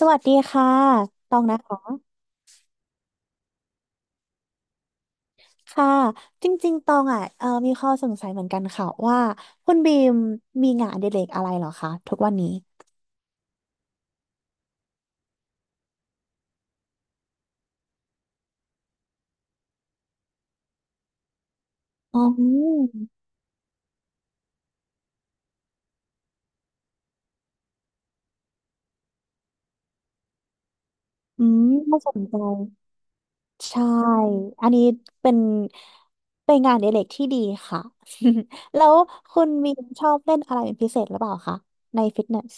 สวัสดีค่ะ ตองนะคะค่ะจริงๆ ตองอ่ะมีข้อสงสัยเหมือนกันค่ะว่าคุณบีมมีงานอดิเรกอะไรเหรอคะทุกวันนี้อ๋ออืมน่าสนใจใช่ อันนี้เป็นเป็นงานอดิเรกที่ดีค่ะ แล้วคุณบีมชอบเล่นอะไรเป็นพิเศษหรือเปล่าคะในฟิตเนส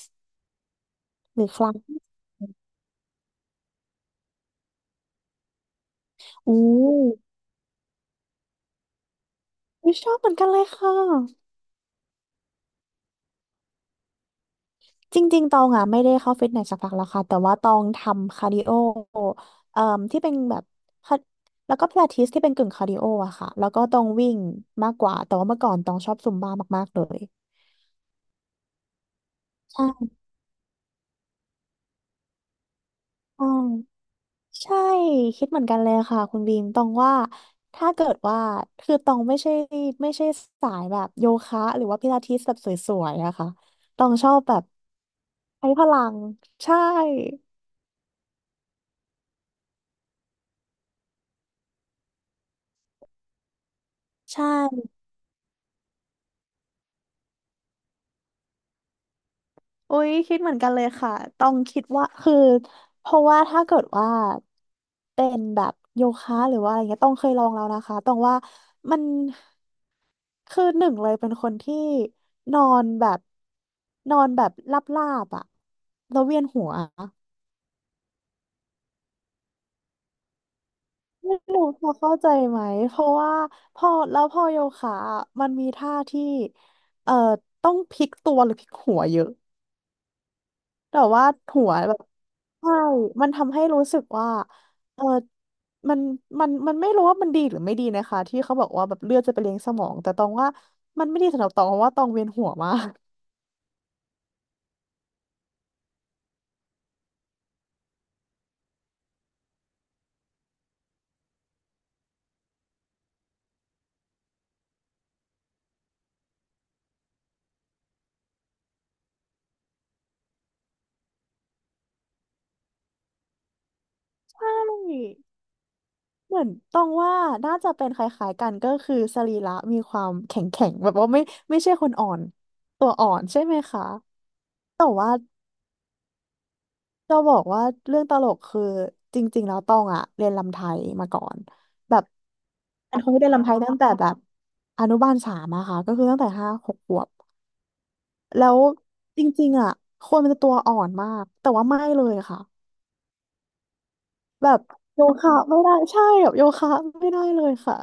หรือคลับอู้ไม่ชอบเหมือนกันเลยค่ะ จริงๆ ตองอ่ะไม่ได้เข้าฟิตเนสสักพักแล้วค่ะแต่ว่าตองทำคาร์ดิโอเอ่มที่เป็นแบบคาร์แล้วก็พิลาทิสที่เป็นกึ่งคาร์ดิโออะค่ะแล้วก็ตองวิ่งมากกว่าแต่ว่าเมื่อก่อนตองชอบซุมบ้ามากๆเลยใช่ใช่ใช่คิดเหมือนกันเลยค่ะคุณบีมตองว่าถ้าเกิดว่าคือตองไม่ใช่สายแบบโยคะหรือว่าพิลาทิสแบบสวยๆอะค่ะตองชอบแบบใช้พลังใช่ใช่ อุ้ยคิดเหมือนกันเลยค่ะต้องคิดว่าคือเพราะว่าถ้าเกิดว่าเป็นแบบโยคะหรือว่าอะไรเงี้ยต้องเคยลองแล้วนะคะต้องว่ามันคือหนึ่งเลยเป็นคนที่นอนแบบนอนแบบลาบลาบอะแล้วเวียนหัวไม่รู้พอเข้าใจไหมเพราะว่าพอแล้วพอโยคะอะมันมีท่าที่เอ่อต้องพลิกตัวหรือพลิกหัวเยอะ แต่ว่าหัวแบบใช่มันทำให้รู้สึกว่าเออมันมันไม่รู้ว่ามันดีหรือไม่ดีนะคะที่เขาบอกว่าแบบเลือดจะไปเลี้ยงสมองแต่ตองว่ามันไม่ดีสำหรับตองเพราะว่าตองเวียนหัวมากใช่เหมือนตองว่าน่าจะเป็นคล้ายๆกันก็คือสรีระมีความแข็งแข็งแบบว่าไม่ใช่คนอ่อนตัวอ่อนใช่ไหมคะแต่ว่า จะบอกว่าเรื่องตลกคือจริงๆแล้วตองอะเรียนรำไทยมาก่อนแบบเป็นคนที่เรียนรำไทยตั้งแต่แบบอนุบาล 3อะค่ะก็คือตั้งแต่5-6 ขวบแล้วจริงๆอะคนมันจะตัวอ่อนมากแต่ว่าไม่เลยค่ะแบบโยคะไม่ได้ใช่แบบโยคะไม่ได้เลยค่ะ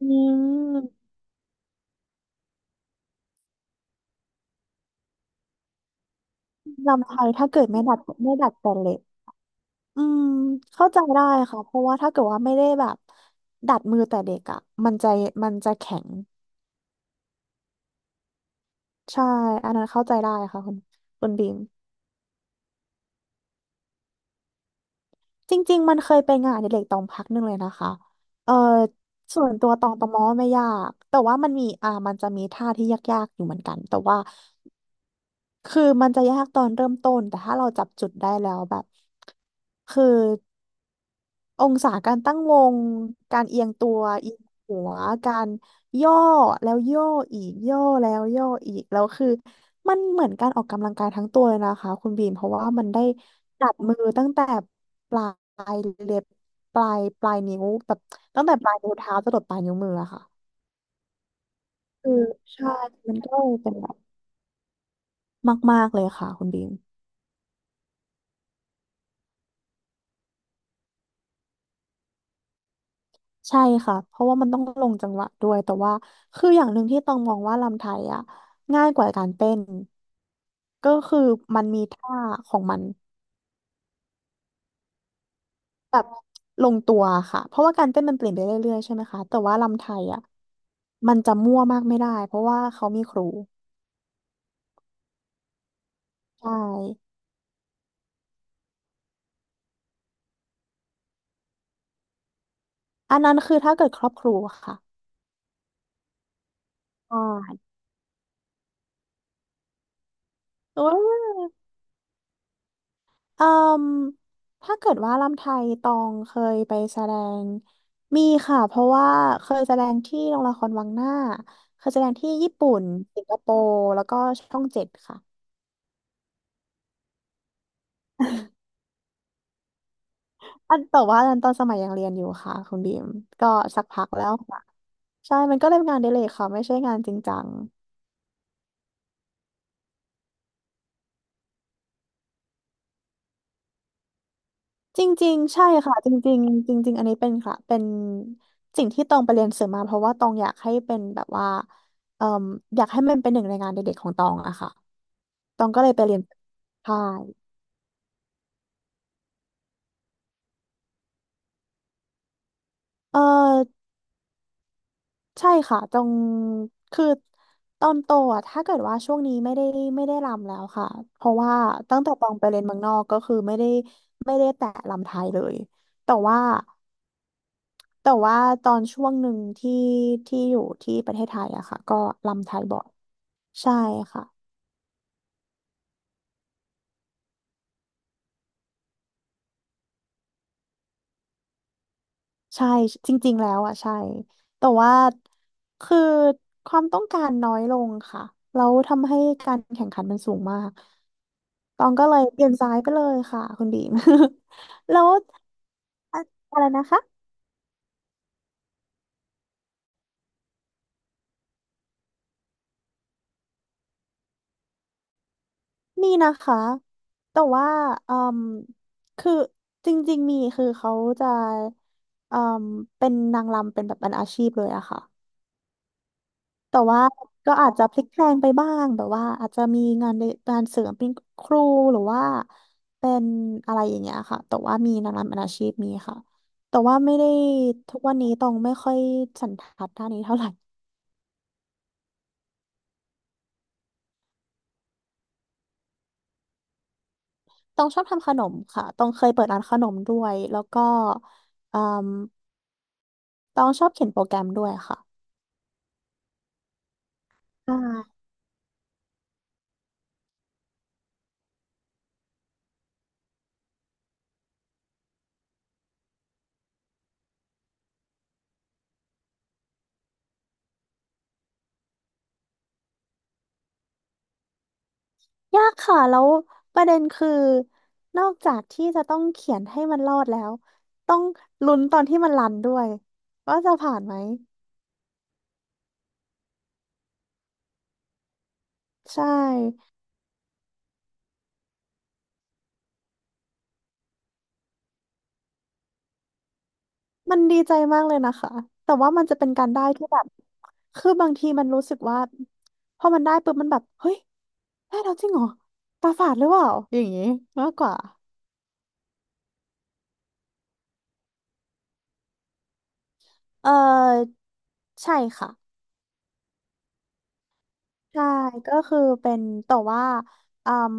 อืมรำไทยถ้าเกิดไม่ดัดไม่ดัดแต่เล็กอืมเข้าใจได้ค่ะเพราะว่าถ้าเกิดว่าไม่ได้แบบดัดมือแต่เด็กอ่ะมันจะมันจะแข็ง ใช่อันนั้นเข้าใจได้ค่ะคุณบิงจริงๆมันเคยเป็นงานอดิเรกตองพักหนึ่งเลยนะคะ เออส่วนตัวตองประมอไม่ยากแต่ว่ามันมีมันจะมีท่าที่ยากๆอยู่เหมือนกันแต่ว่าคือมันจะยากตอนเริ่มต้นแต่ถ้าเราจับจุดได้แล้วแบบคือ องศาการตั้งวงการเอียงตัวเอียงหัวการย่อแล้วย่ออีกย่อแล้วย่ออีกแล้วคือมันเหมือนการออกกำลังกายทั้งตัวเลยนะคะคุณบีมเพราะว่ามันได้จับมือตั้งแต่ปลายเล็บปลายนิ้วแบบตั้งแต่ปลายนิ้วเท้าจรดปลายนิ้วมืออะค่ะคือใช่มันก็เลยเป็นแบบมากๆเลยค่ะคุณบีม ใช่ค่ะ เพราะว่ามันต้องลงจังหวะด้วย แต่ว่าคืออย่างหนึ่งที่ต้องมองว่ารำไทยอ่ะง่ายกว่าการเต้นก็คือมันมีท่าของมันแบบลงตัวค่ะ เพราะว่าการเต้นมันเปลี่ยนไปเรื่อยๆใช่ไหมคะ แต่ว่ารำไทยอ่ะมันจะมั่วมากไม่ได้เพราะว่าเขามีครูใช่อันนั้นคือถ้าเกิดครอบครูอค่ะใช่ เอ่มถ้าเกิดว่าลำไทยตองเคยไปแสดงมีค่ะเพราะว่าเคยแสดงที่โรงละครวังหน้าเคยแสดงที่ญี่ปุ่นสิงคโปร์แล้วก็ช่อง 7ค่ะอันแต่ว่าอันนั้นตอนสมัยยังเรียนอยู่ค่ะคุณบีมก็สักพักแล้วค่ะใช่มันก็เลยเป็นงานอดิเรกค่ะไม่ใช่งานจริงจังจริงๆใช่ค่ะจริงๆจริงๆอันนี้เป็นค่ะเป็นสิ่งที่ตองไปเรียนเสริมมาเพราะว่าตองอยากให้เป็นแบบว่าเอ่มอยากให้มันเป็นหนึ่งในงานอดิเรกของตองอะค่ะ ตองก็เลยไปเรียนใช่เออใช่ค่ะตองคือตอนโตอ่ะถ้าเกิดว่าช่วงนี้ไม่ได้รำแล้วค่ะเพราะว่าตั้งแต่ตองไปเรียนเมืองนอกก็คือไม่ได้แตะรำไทยเลยแต่ว่าแต่ว่าตอนช่วงหนึ่งที่อยู่ที่ประเทศไทยอะค่ะก็รำไทยบ่อยใช่ค่ะ ใช่จริงๆแล้วอ่ะใช่แต่ว่าคือความต้องการน้อยลงค่ะแล้วทำให้การแข่งขันมันสูงมากตองก็เลยเปลี่ยนสายไปเลยค่ะคุณบีม แล้วอะไรนะคะมีนะคะแต่ว่าอืมคือจริงๆมีคือเขาจะอืมเป็นนางรำเป็นแบบเป็นอาชีพเลยอะค่ะ แต่ว่าก็อาจจะพลิกแพลงไปบ้างแบบว่าอาจจะมีงานเสริมเป็นครูหรือว่าเป็นอะไรอย่างเงี้ยค่ะแต่ว่ามีงานเป็นอาชีพมีค่ะแต่ว่าไม่ได้ทุกวันนี้ต้องไม่ค่อยสันทัดด้านนี้เท่าไหร่ ต้องชอบทำขนมค่ะต้องเคยเปิดร้านขนมด้วยแล้วก็เอ่มต้องชอบเขียนโปรแกรมด้วยค่ะใช่ ยากค่ะแล้วประเด็นคือนอกจากที่จะต้องเขียนให้มันรอดแล้วต้องลุ้นตอนที่มันรันด้วยว่าจะผ่านไหมใช่มันดีใจมากเลยนะคะแต่ว่ามันจะเป็นการได้ที่แบบคือบางทีมันรู้สึกว่าพอมันได้ปุ๊บมันแบบเฮ้ยได้แล้วจริงเหรอตาฝาดหรือเปล่าอย่างนี้มากกว่าเออใช่ค่ะใช่ก็คือเป็นแต่ว่าอืม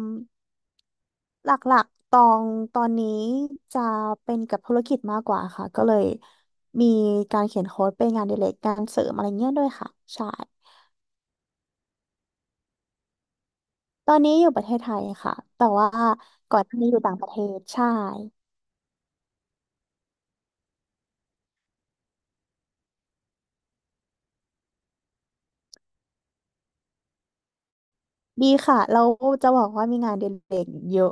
หลักๆตอนนี้จะเป็นกับธุรกิจมากกว่าค่ะก็เลยมีการเขียนโค้ดเป็นงานอดิเรกการเสริมอะไรเงี้ยด้วยค่ะใช่ตอนนี้อยู่ประเทศไทยค่ะแต่ว่าก่อนหน้านี้อยู่ต่างประเทศใช่ ดีค่ะเราจะบอกว่ามีงานเด็กๆเยอะ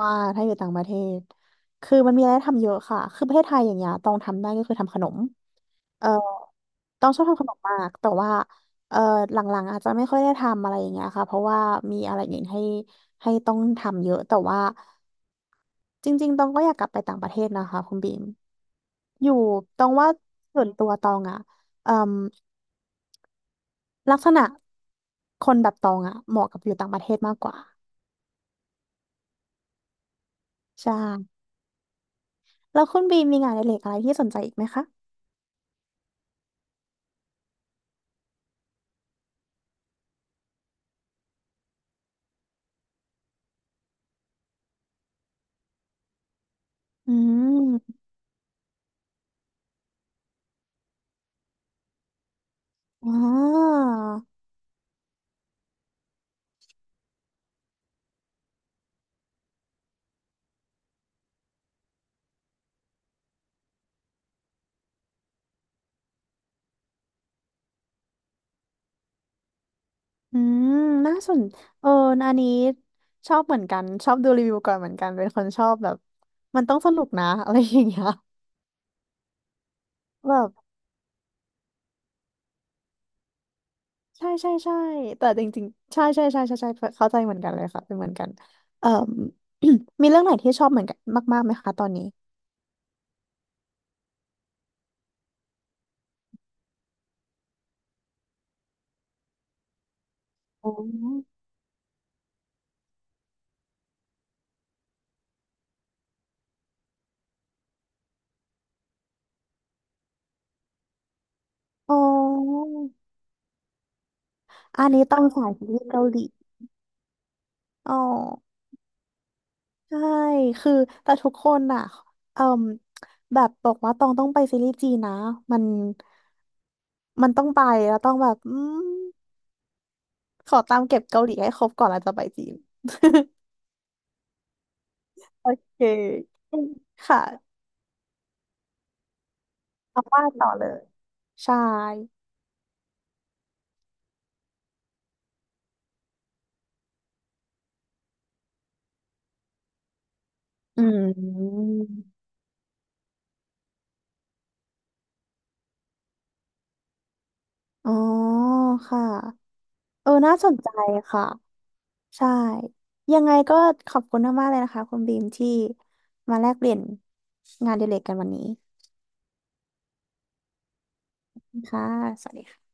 มากถ้าอยู่ต่างประเทศคือมันมีอะไรให้ทำเยอะค่ะคือประเทศไทยอย่างเงี้ยต้องทำได้ก็คือทำขนมเอ่อต้องชอบทำขนมมากแต่ว่าเอ่อหลังๆอาจจะไม่ค่อยได้ทำอะไรอย่างเงี้ยค่ะเพราะว่ามีอะไรอื่นให้ต้องทำเยอะแต่ว่าจริงๆต้องก็อยากกลับไปต่างประเทศนะคะคุณบีมอยู่ตองว่าส่วนตัวตองอะเอ่มลักษณะคนแบบตองอะเหมาะกับอยู่ต่างประเทศมากกว่าใช่ แล้วคุณบีมมีงานอดิเรกอะไรที่สนใจอีกไหมคะอืมว้าอืมน่าสนเอออันนี้ชอบเหมือนกัน ชอบดูรีวิวก่อนเหมือนกัน เป็นคนชอบแบบ มันต้องสนุกนะ อะไรอย่างเงี้ยแบบใช่ใช่ใช่ แต่จริงๆใช่ใช่ใช่ใช่ใช่เข้าใจเหมือนกันเลยค่ะเป็นเหมือนกันเอ่อ มีเรื่องไหนที่ชอบเหมือนกันมากๆไหมคะตอนนี้อ๋ออ๋ออันนี้ต้องสายซีรีส์เกาหลีอ๋อ ใช่คือแต่ทุกคนอ่ะเอ่มแบบบอกว่าต้องไปซีรีส์จีนนะมันมันต้องไปแล้วต้องแบบอืมขอตามเก็บเกาหลีให้ครบก่อนแล้วจะไปจีน โอเค ค่ะ เอาว่าต่อเลย ใช่ อืมอ๋อค่ะเออน่าสนใจค่ะ ใช่ ยังไงก็ขอบคุณมากๆเลยนะคะคุณบีมที่มาแลกเปลี่ยนงานอดิเรกกันวันนี้ค่ะสวัสดีค่ะ